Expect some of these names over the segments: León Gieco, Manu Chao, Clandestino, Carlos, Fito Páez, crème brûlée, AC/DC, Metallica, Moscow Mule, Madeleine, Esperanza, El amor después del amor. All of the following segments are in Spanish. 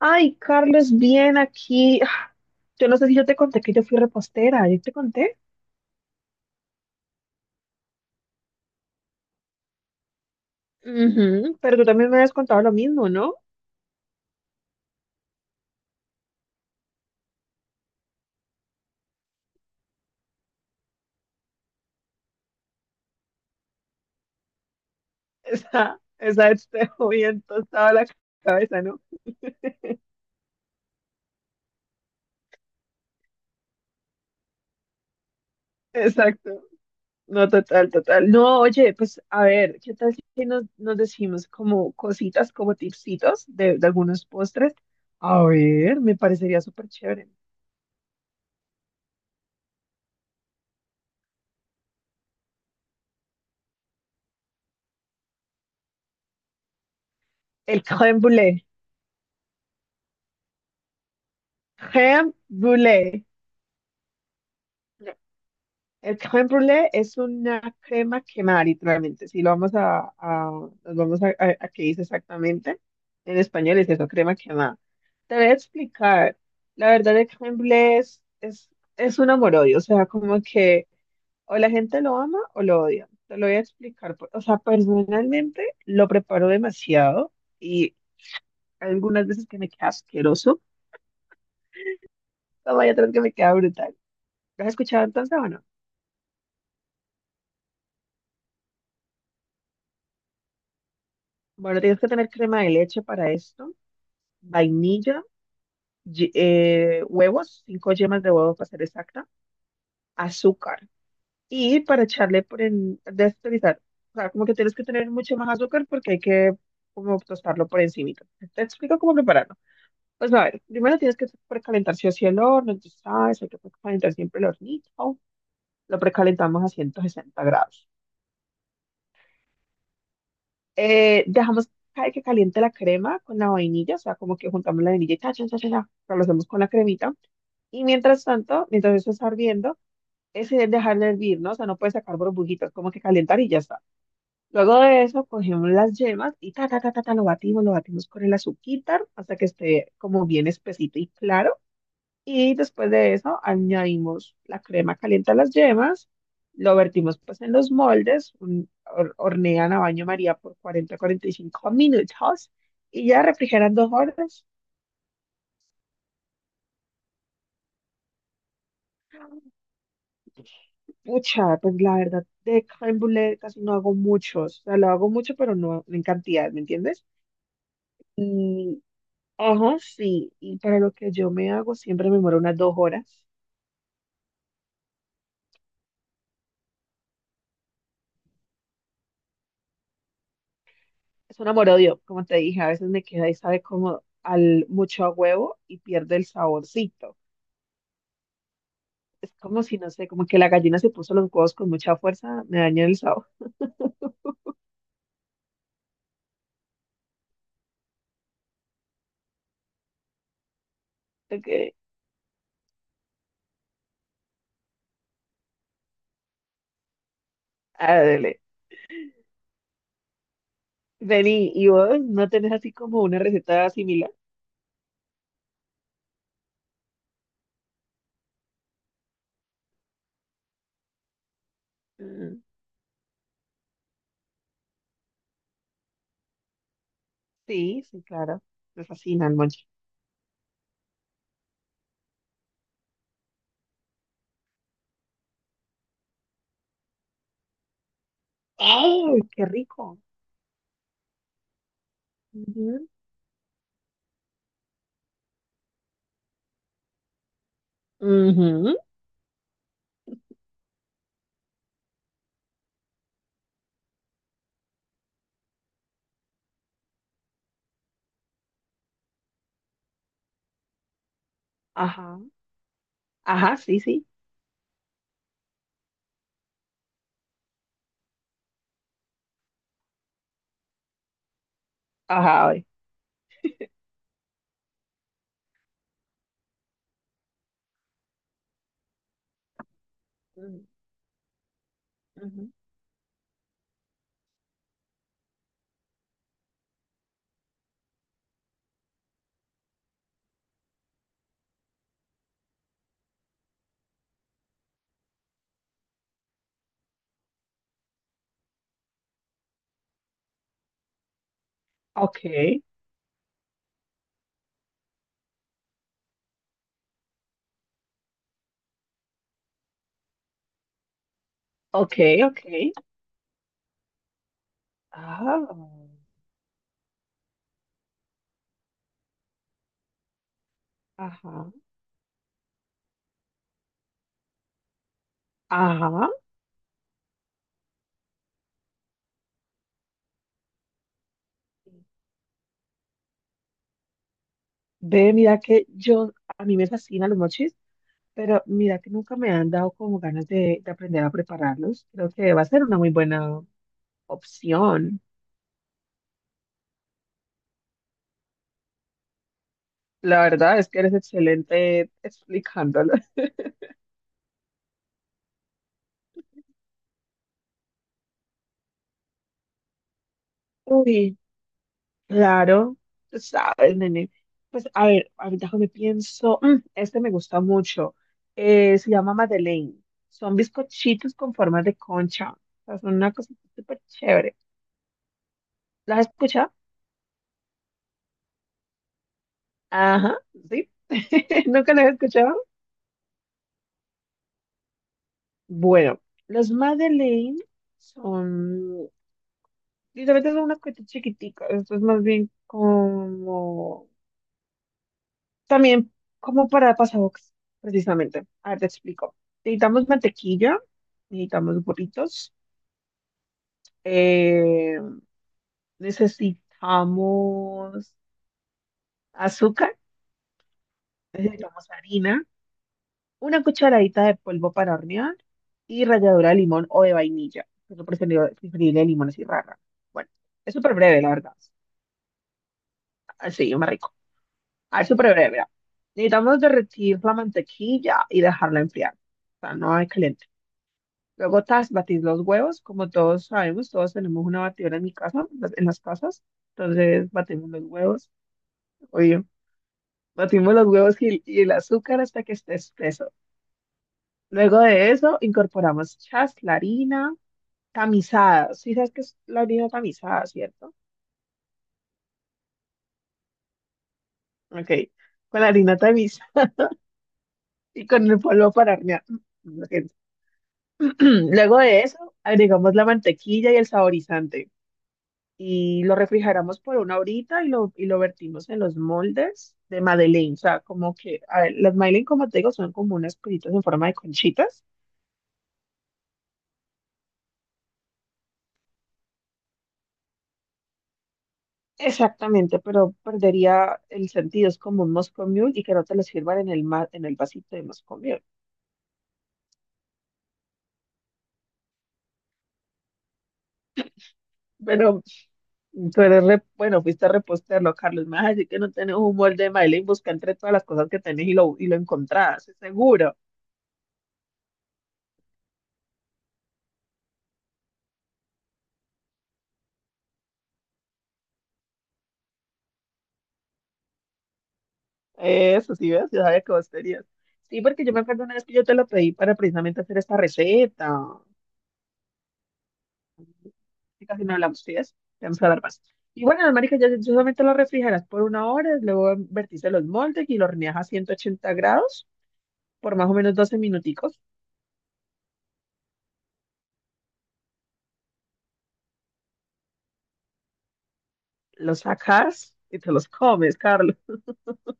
Ay, Carlos, bien aquí. Yo no sé si yo te conté que yo fui repostera, ¿yo te conté? Ujú. Pero tú también me habías contado lo mismo, ¿no? Esa vez te dejó bien tostada la cabeza, ¿no? Exacto. No, total, total. No, oye, pues a ver, ¿qué tal si nos decimos como cositas, como tipsitos de algunos postres? A ver, me parecería súper chévere. El crème brûlée. Crème brûlée. El crème brûlée es una crema quemada, literalmente. Si lo vamos nos vamos a qué dice exactamente, en español es eso, crema quemada. Te voy a explicar. La verdad, el crème brûlée es un amor-odio. O sea, como que o la gente lo ama o lo odia. Te lo voy a explicar. O sea, personalmente lo preparo demasiado y algunas veces que me queda asqueroso, pero hay otras que me queda brutal. ¿Lo has escuchado entonces o no? Bueno, tienes que tener crema de leche para esto. Vainilla, huevos, cinco yemas de huevo para ser exacta, azúcar. Y para echarle por en, desperizar, o sea, como que tienes que tener mucho más azúcar porque hay que como tostarlo por encimita. Te explico cómo prepararlo. Pues a ver, primero tienes que precalentar si o sí el horno, entonces sabes, hay que precalentar siempre el hornito. Lo precalentamos a 160 grados. Dejamos que caliente la crema con la vainilla, o sea, como que juntamos la vainilla y cha, cha, cha, cha, cha, o sea, lo hacemos con la cremita. Y mientras tanto, mientras eso está hirviendo, es dejarle hervir, ¿no? O sea, no puedes sacar burbujitas, como que calentar y ya está. Luego de eso, cogemos las yemas y ta, ta, ta, ta, ta, lo batimos con el azúcar hasta que esté como bien espesito y claro. Y después de eso, añadimos la crema caliente a las yemas, lo vertimos pues en los moldes, hornean a baño María por 40-45 minutos y ya refrigeran 2 horas. Pucha, pues la verdad, de crème casi no hago muchos. O sea, lo hago mucho, pero no en cantidad, ¿me entiendes? Y, ajá, sí. Y para lo que yo me hago, siempre me demoro unas 2 horas. Es un amor-odio, como te dije, a veces me queda y sabe como al mucho a huevo y pierde el saborcito. Es como si, no sé, como que la gallina se puso los huevos con mucha fuerza, me daña el sabor. Ok, ándale. Vení, ¿y vos no tenés así como una receta similar? Mm, sí, sí, claro. Me fascina el monchis. ¡Ey! ¡Qué rico! Ujú, ujú. Ajá, ajá, sí, sí. Ajá, a ver. Ujú, ujú. Ok, ok, ok. Ah, ajá, ajá. Ve, mira que yo, a mí me fascinan los mochis, pero mira que nunca me han dado como ganas de aprender a prepararlos. Creo que va a ser una muy buena opción. La verdad es que eres excelente explicándolo. Uy, claro, tú sabes, nene. Pues a ver, ahorita que me pienso, este me gusta mucho. Se llama Madeleine. Son bizcochitos con formas de concha. O sea, son una cosita súper chévere. ¿Las has escuchado? Ajá, sí. ¿Nunca las has escuchado? Bueno, los Madeleine son, literalmente son unas cositas chiquiticas. Esto es más bien como también como para pasabocas, precisamente. A ver, te explico. Necesitamos mantequilla, necesitamos burritos, eh, necesitamos azúcar, necesitamos harina, una cucharadita de polvo para hornear y ralladura de limón o de vainilla. Es lo preferible, preferible de limón así rara. Bueno, es súper breve, la verdad. Así, más rico. A ver, súper breve, mira. Necesitamos derretir la mantequilla y dejarla enfriar. O sea, no hay calentar. Luego tas, batís los huevos, como todos sabemos, todos tenemos una batidora en mi casa, en las casas. Entonces batimos los huevos, obvio. Batimos los huevos y el azúcar hasta que esté espeso. Luego de eso incorporamos chas, la harina tamizada. Sí sabes que es la harina tamizada, ¿cierto? Ok, con la harina tamizada y con el polvo para hornear. Lo siento. Luego de eso agregamos la mantequilla y el saborizante. Y lo refrigeramos por una horita y lo vertimos en los moldes de Madeleine. O sea, como que, a ver, las Madeleine, como te digo, son como unas cositas en forma de conchitas. Exactamente, pero perdería el sentido. Es como un Moscow Mule y que no te lo sirvan en el, en el vasito de Moscow Mule. Pero tú eres, bueno, fuiste a reposterlo, Carlos. Me vas a decir que no tenés un molde de Madeleine, busca entre todas las cosas que tenés y lo encontrás, es seguro. Eso, sí, ves, yo sabía que vos tenías. Sí, porque yo me acuerdo una vez que yo te lo pedí para precisamente hacer esta receta. Y casi no hablamos, ¿sí ves? Ya vamos a dar más. Y bueno, las maricas ya solamente lo refrigeras por una hora, luego vertiste los moldes y lo horneas a 180 grados por más o menos 12 minuticos. Los sacas y te los comes, Carlos.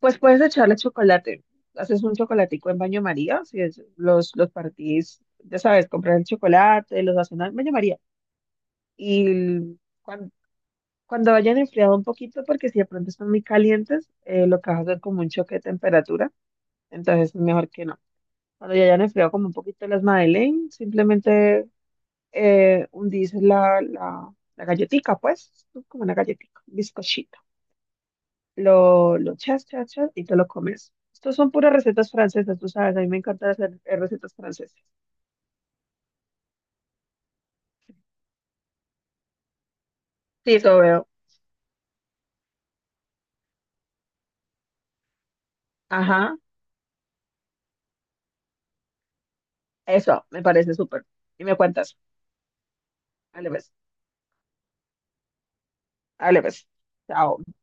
Pues puedes echarle chocolate. Haces un chocolatico en baño María, si es, los partís, ya sabes, compras el chocolate, los haces en baño María. Y cuan- Cuando hayan enfriado un poquito, porque si de pronto están muy calientes, lo que vas a hacer como un choque de temperatura, entonces es mejor que no. Cuando ya hayan enfriado como un poquito las Madeleine, simplemente hundís la galletica, pues, ¿no? Como una galletica, un bizcochito. Lo chas, chas, chas, y te lo comes. Estos son puras recetas francesas, tú sabes, a mí me encanta hacer recetas francesas. Sí, eso veo. Ajá, eso, me parece súper. Y me cuentas. Dale, pues, dale, pues. Chao.